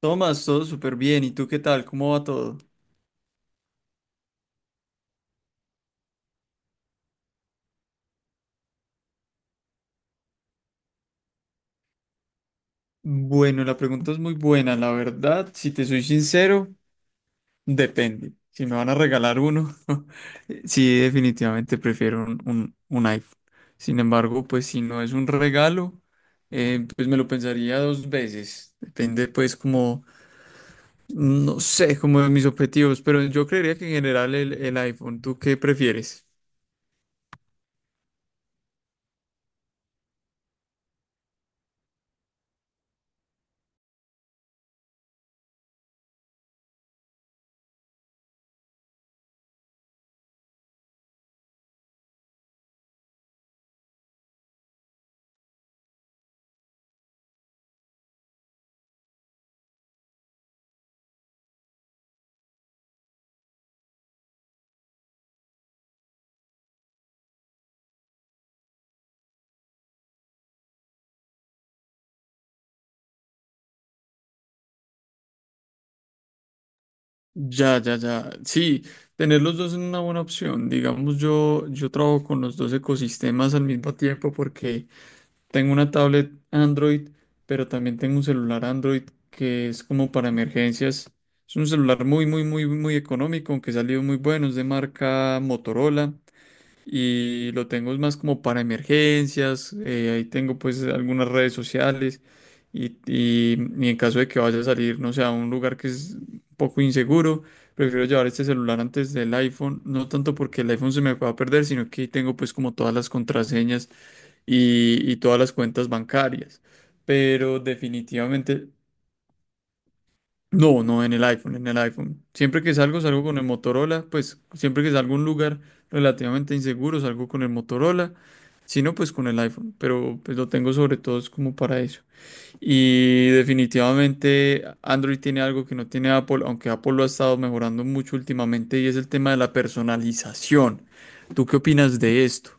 Tomás, todo súper bien. ¿Y tú qué tal? ¿Cómo va todo? Bueno, la pregunta es muy buena. La verdad, si te soy sincero, depende. Si me van a regalar uno, sí, definitivamente prefiero un iPhone. Sin embargo, pues si no es un regalo, pues me lo pensaría dos veces. Depende, pues, como, no sé, como de mis objetivos, pero yo creería que en general el iPhone. ¿Tú qué prefieres? Ya, ya, ya. Sí, tener los dos es una buena opción. Digamos, yo trabajo con los dos ecosistemas al mismo tiempo porque tengo una tablet Android, pero también tengo un celular Android que es como para emergencias. Es un celular muy, muy, muy, muy económico, aunque salió muy bueno, es de marca Motorola y lo tengo más como para emergencias. Ahí tengo pues algunas redes sociales y en caso de que vaya a salir, no sé, a un lugar que es un poco inseguro, prefiero llevar este celular antes del iPhone, no tanto porque el iPhone se me va a perder, sino que tengo pues como todas las contraseñas y todas las cuentas bancarias, pero definitivamente... No, no, en el iPhone, en el iPhone. Siempre que salgo, salgo con el Motorola. Pues siempre que salgo a un lugar relativamente inseguro, salgo con el Motorola. Si no, pues con el iPhone. Pero pues lo tengo sobre todo es como para eso. Y definitivamente Android tiene algo que no tiene Apple, aunque Apple lo ha estado mejorando mucho últimamente, y es el tema de la personalización. ¿Tú qué opinas de esto?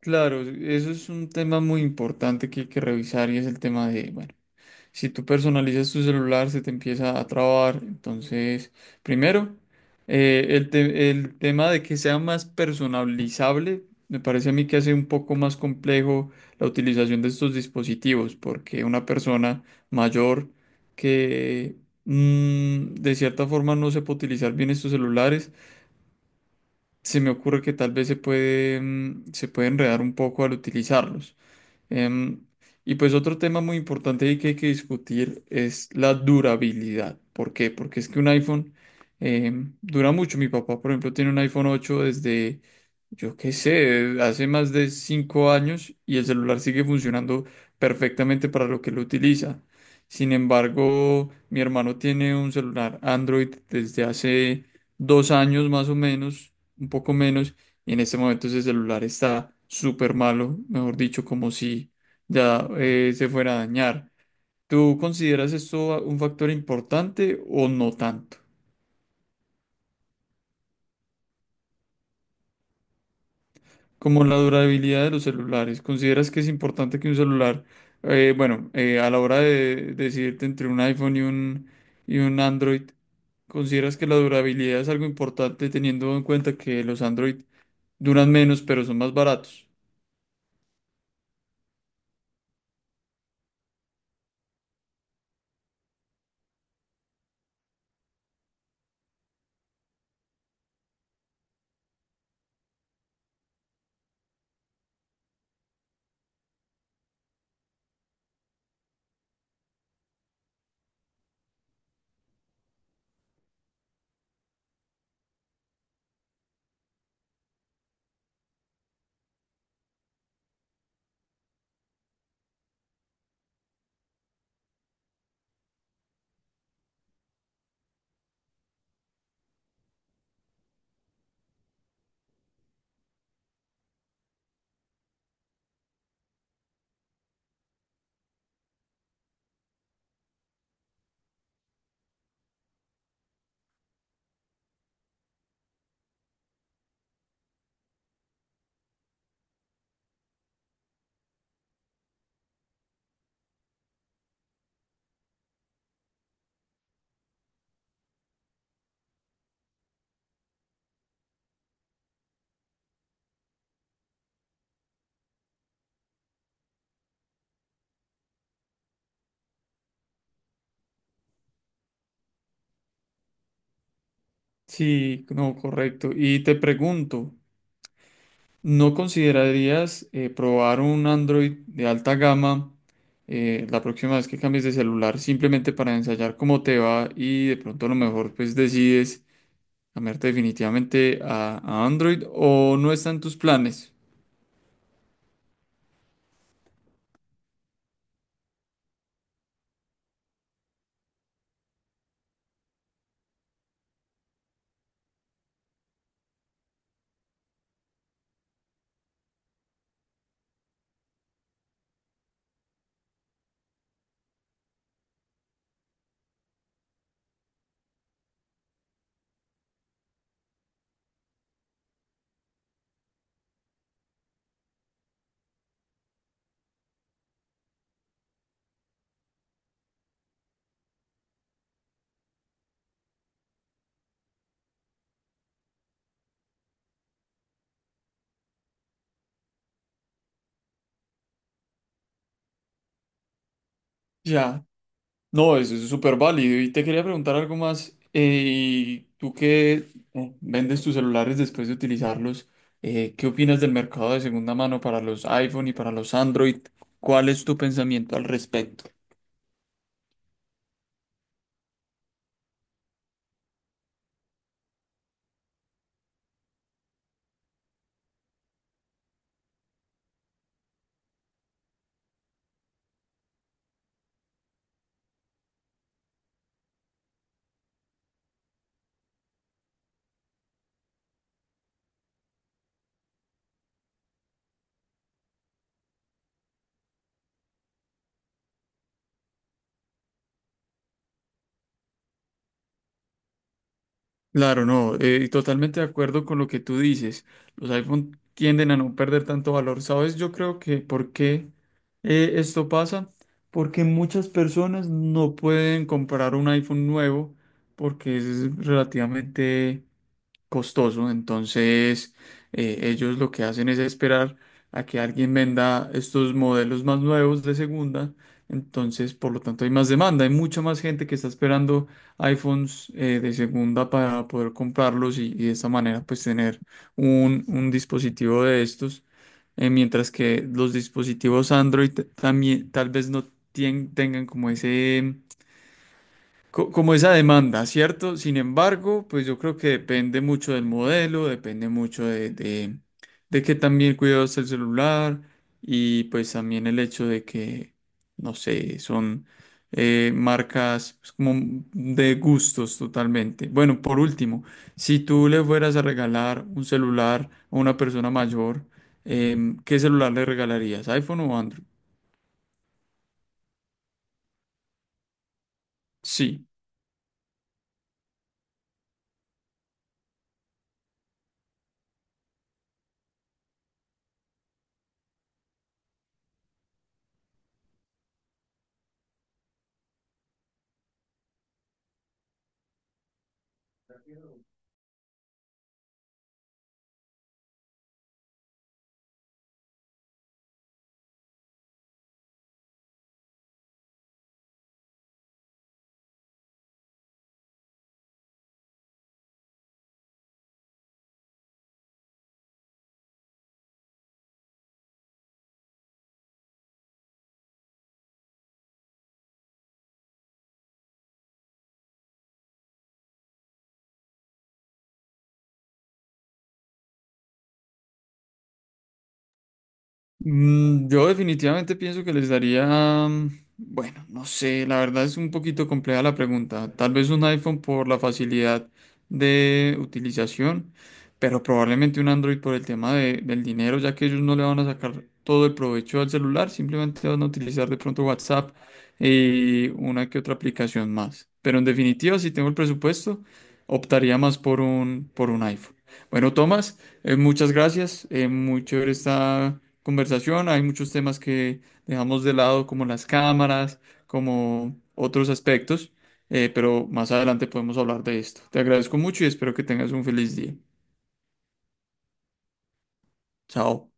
Claro, eso es un tema muy importante que hay que revisar, y es el tema de, bueno. Si tú personalizas tu celular, se te empieza a trabar. Entonces, primero, el tema de que sea más personalizable, me parece a mí que hace un poco más complejo la utilización de estos dispositivos, porque una persona mayor que de cierta forma no sepa utilizar bien estos celulares, se me ocurre que tal vez se puede enredar un poco al utilizarlos. Em, y pues otro tema muy importante ahí que hay que discutir es la durabilidad. ¿Por qué? Porque es que un iPhone dura mucho. Mi papá, por ejemplo, tiene un iPhone 8 desde, yo qué sé, hace más de 5 años, y el celular sigue funcionando perfectamente para lo que lo utiliza. Sin embargo, mi hermano tiene un celular Android desde hace 2 años más o menos, un poco menos, y en este momento ese celular está súper malo, mejor dicho, como si ya se fuera a dañar. ¿Tú consideras esto un factor importante o no tanto? Como la durabilidad de los celulares, ¿consideras que es importante que un celular, bueno, a la hora de decidirte entre un iPhone y y un Android, consideras que la durabilidad es algo importante teniendo en cuenta que los Android duran menos pero son más baratos? Sí, no, correcto. Y te pregunto, ¿no considerarías, probar un Android de alta gama la próxima vez que cambies de celular, simplemente para ensayar cómo te va, y de pronto a lo mejor pues decides cambiarte definitivamente a Android, o no está en tus planes? Ya, no, eso es súper válido. Y te quería preguntar algo más. Tú que vendes tus celulares después de utilizarlos, ¿qué opinas del mercado de segunda mano para los iPhone y para los Android? ¿Cuál es tu pensamiento al respecto? Claro, no, y totalmente de acuerdo con lo que tú dices. Los iPhone tienden a no perder tanto valor. ¿Sabes? Yo creo que, ¿por qué esto pasa? Porque muchas personas no pueden comprar un iPhone nuevo, porque es relativamente costoso. Entonces, ellos lo que hacen es esperar a que alguien venda estos modelos más nuevos de segunda. Entonces, por lo tanto, hay más demanda. Hay mucha más gente que está esperando iPhones de segunda para poder comprarlos, y de esta manera, pues, tener un dispositivo de estos. Mientras que los dispositivos Android también tal vez no tengan como ese como esa demanda, ¿cierto? Sin embargo, pues yo creo que depende mucho del modelo, depende mucho de que también cuidados el celular, y pues también el hecho de que, no sé, son marcas pues, como de gustos totalmente. Bueno, por último, si tú le fueras a regalar un celular a una persona mayor, ¿qué celular le regalarías? ¿iPhone o Android? Sí. Yo definitivamente pienso que les daría, mm, bueno, no sé, la verdad es un poquito compleja la pregunta. Tal vez un iPhone por la facilidad de utilización, pero probablemente un Android por el tema del dinero, ya que ellos no le van a sacar todo el provecho al celular, simplemente van a utilizar de pronto WhatsApp y una que otra aplicación más. Pero en definitiva, si tengo el presupuesto, optaría más por por un iPhone. Bueno, Tomás. Muchas gracias, muy chévere esta conversación. Hay muchos temas que dejamos de lado, como las cámaras, como otros aspectos, pero más adelante podemos hablar de esto. Te agradezco mucho y espero que tengas un feliz día. Chao.